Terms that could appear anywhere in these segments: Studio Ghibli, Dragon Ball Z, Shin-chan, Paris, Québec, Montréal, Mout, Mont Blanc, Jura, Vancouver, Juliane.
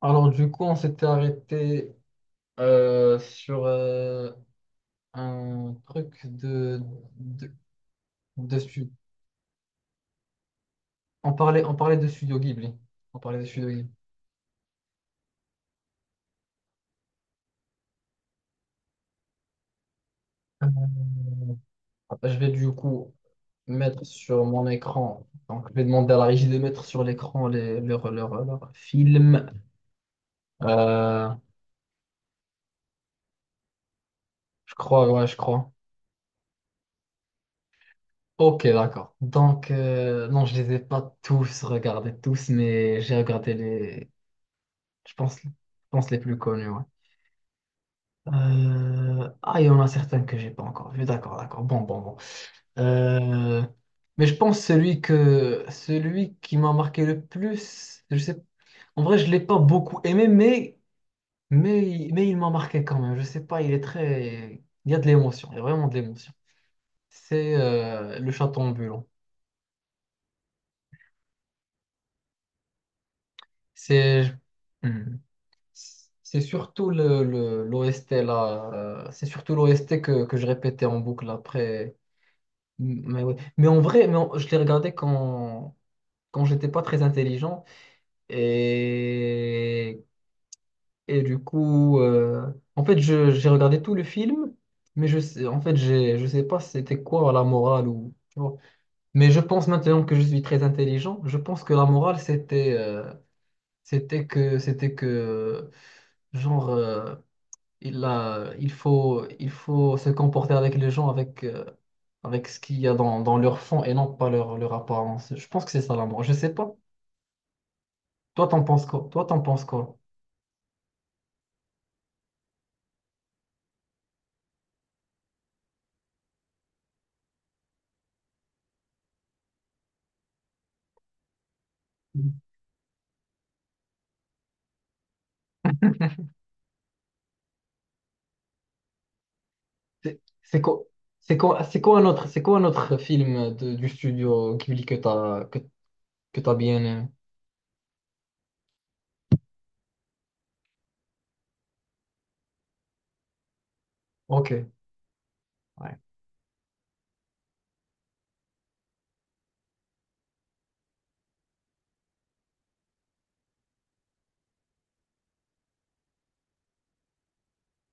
Alors, du coup, on s'était arrêté sur un truc de, de stu- On parlait, de Studio Ghibli. On parlait de Studio Ghibli. Je vais du coup mettre sur mon écran. Donc, je vais demander à la régie de mettre sur l'écran leurs films. Euh, je crois, ouais, je crois. Ok, d'accord. Donc, non, je les ai pas tous regardés, tous, mais j'ai regardé je pense les plus connus, ouais. Ah, il y en a certains que j'ai pas encore vu. D'accord, d'accord. Bon, bon, bon. Euh, Mais je pense celui qui m'a marqué le plus, je sais. En vrai, je l'ai pas beaucoup aimé, mais mais il m'a marqué quand même. Je sais pas, il est très. Il y a de l'émotion. Il y a vraiment de l'émotion. C'est le chaton ambulant. C'est Hmm. C'est surtout l'OST là. C'est surtout l'OST que je répétais en boucle après. Mais, ouais. Mais en vrai, je les regardais quand j'étais pas très intelligent. Et, et du coup, en fait, j'ai regardé tout le film, mais je sais, en fait, je sais pas si c'était quoi la morale ou, tu vois. Mais je pense maintenant que je suis très intelligent, je pense que la morale, c'était c'était que, genre, il faut se comporter avec les gens avec, avec ce qu'il y a dans leur fond et non pas leur apparence. Je pense que c'est ça l'amour. Je sais pas. Toi, t'en penses quoi? Toi, t'en penses quoi? C'est quoi, c'est quoi un autre, du studio Ghibli que que t'as bien aimé? Ok. Ouais.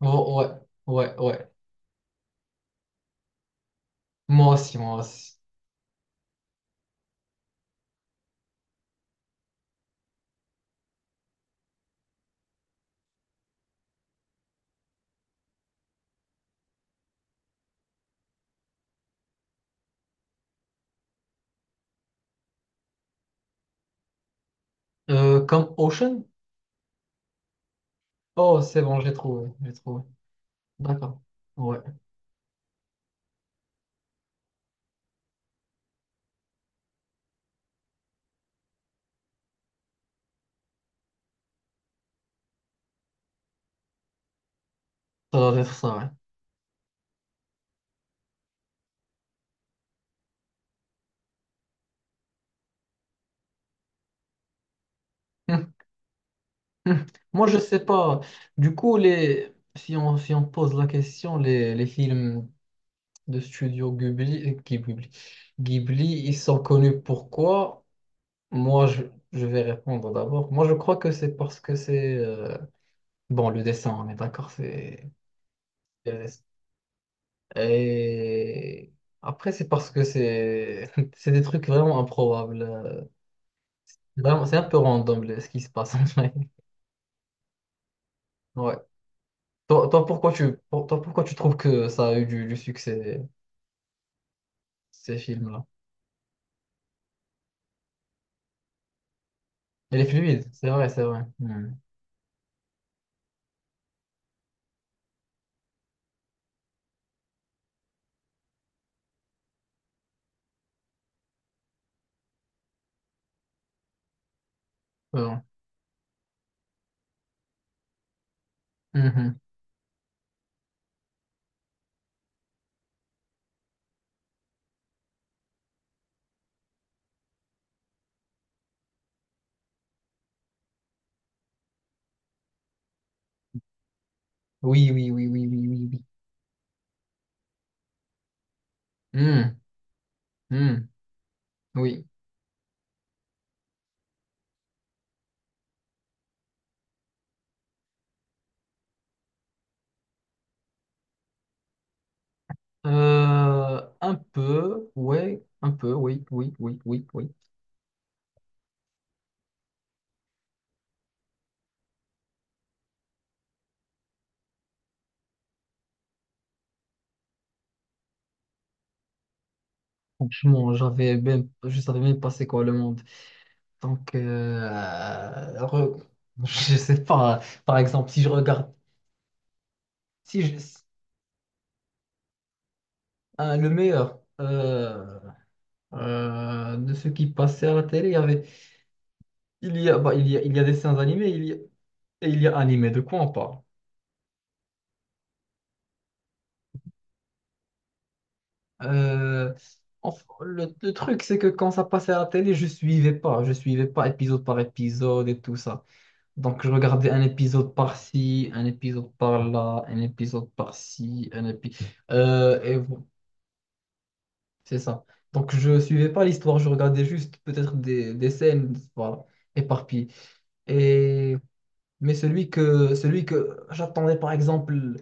Oh, ouais, ouais, ouais. Moi aussi, moi aussi. Comme Ocean? Oh, c'est bon, j'ai trouvé, j'ai trouvé. D'accord. Ouais, ça doit être ça, ouais. Hmm. Moi, je sais pas. Du coup, les, si si on pose la question, les films de studio Ghibli, Ghibli, ils sont connus pourquoi? Moi, je, je vais répondre d'abord. Moi, je crois que c'est parce que c'est bon, le dessin, on est d'accord, c'est euh, et après, c'est parce que c'est c'est des trucs vraiment improbables. Vraiment, c'est un peu random ce qui se passe en vrai. Ouais. Toi, pourquoi tu trouves que ça a eu du succès? Ces films-là. Elle est fluide, c'est vrai, c'est vrai. Hmm. Bon. Mhm. Oui, oui, oui, oui, oui, oui, oui. Hmm. Hmm. Oui. Un peu, ouais, un peu, oui, oui, oui, oui, oui. Franchement, je savais même pas c'est quoi le monde. Donc, euh, re- je sais pas. Par exemple, si je, le meilleur de ce qui passait à la télé, il y a des dessins animés, et il y a animé, de quoi on parle? Euh, le truc, c'est que quand ça passait à la télé, je suivais pas. Je suivais pas épisode par épisode et tout ça. Donc, je regardais un épisode par-ci, un épisode par-là, un épisode par-ci, un épisode, et bon, c'est ça. Donc, je suivais pas l'histoire. Je regardais juste peut-être des scènes, voilà, éparpillées. Et mais celui que j'attendais, par exemple,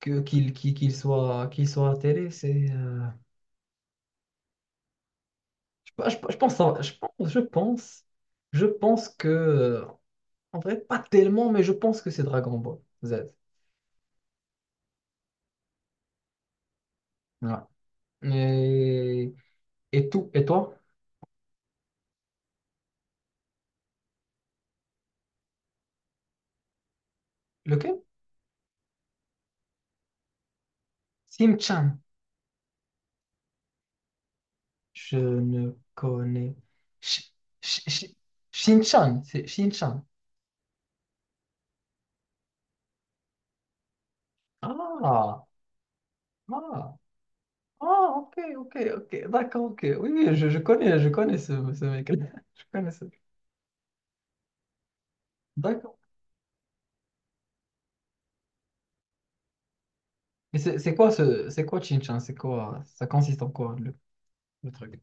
que, qu'il, qu'il qu'il soit à la télé, c'est je pense, je pense que, en vrai, pas tellement, mais je pense que c'est Dragon Ball Z. Ouais. Et, et tout, et toi? Lequel? Sim-chan. Je ne connais. Shi- Shi- Shi- Shin-chan, c'est Shin-chan. Ah, ah, ah, ok, ok, ok, d'accord, ok. Oui, oui, je connais ce mec. Je connais ce. D'accord. Et c'est quoi ce, c'est quoi Shin-chan? C'est quoi, ça consiste en quoi le truc?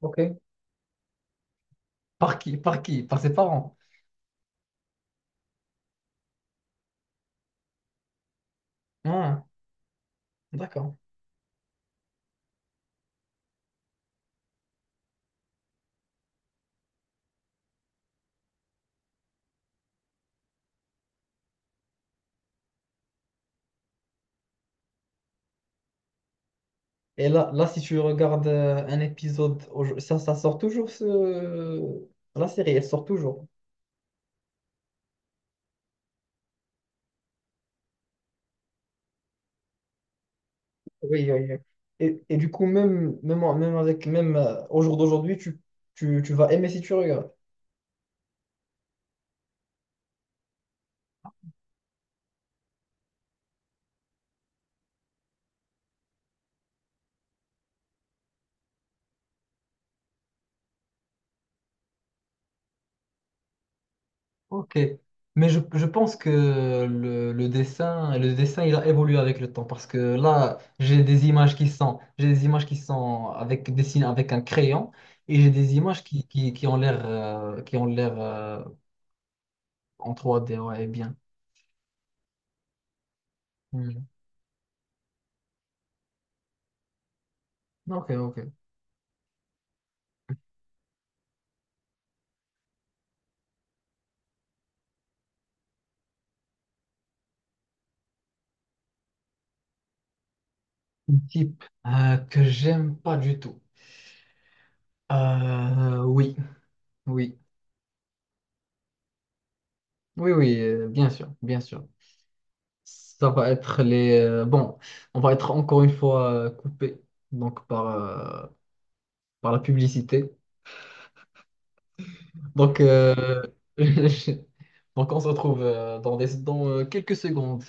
Ok. Par qui? Par qui? Par ses parents. Ah, d'accord. Et là, si tu regardes un épisode, ça, ça sort toujours ce, la série, elle sort toujours. Oui, oui, oui. Et du coup, même avec, même au jour d'aujourd'hui, tu vas aimer si tu regardes. Ok, mais je pense que le dessin, il a évolué avec le temps parce que là, j'ai des images qui sont avec dessinées avec un crayon et j'ai des images qui ont l'air en trois d ouais, bien. Hmm. Ok, ok. Un type que j'aime pas du tout. Oui, oui, oui, oui, bien sûr, bien sûr. Ça va être les. Bon, on va être encore une fois coupé donc par par la publicité. Donc, donc on se retrouve dans, dans quelques secondes.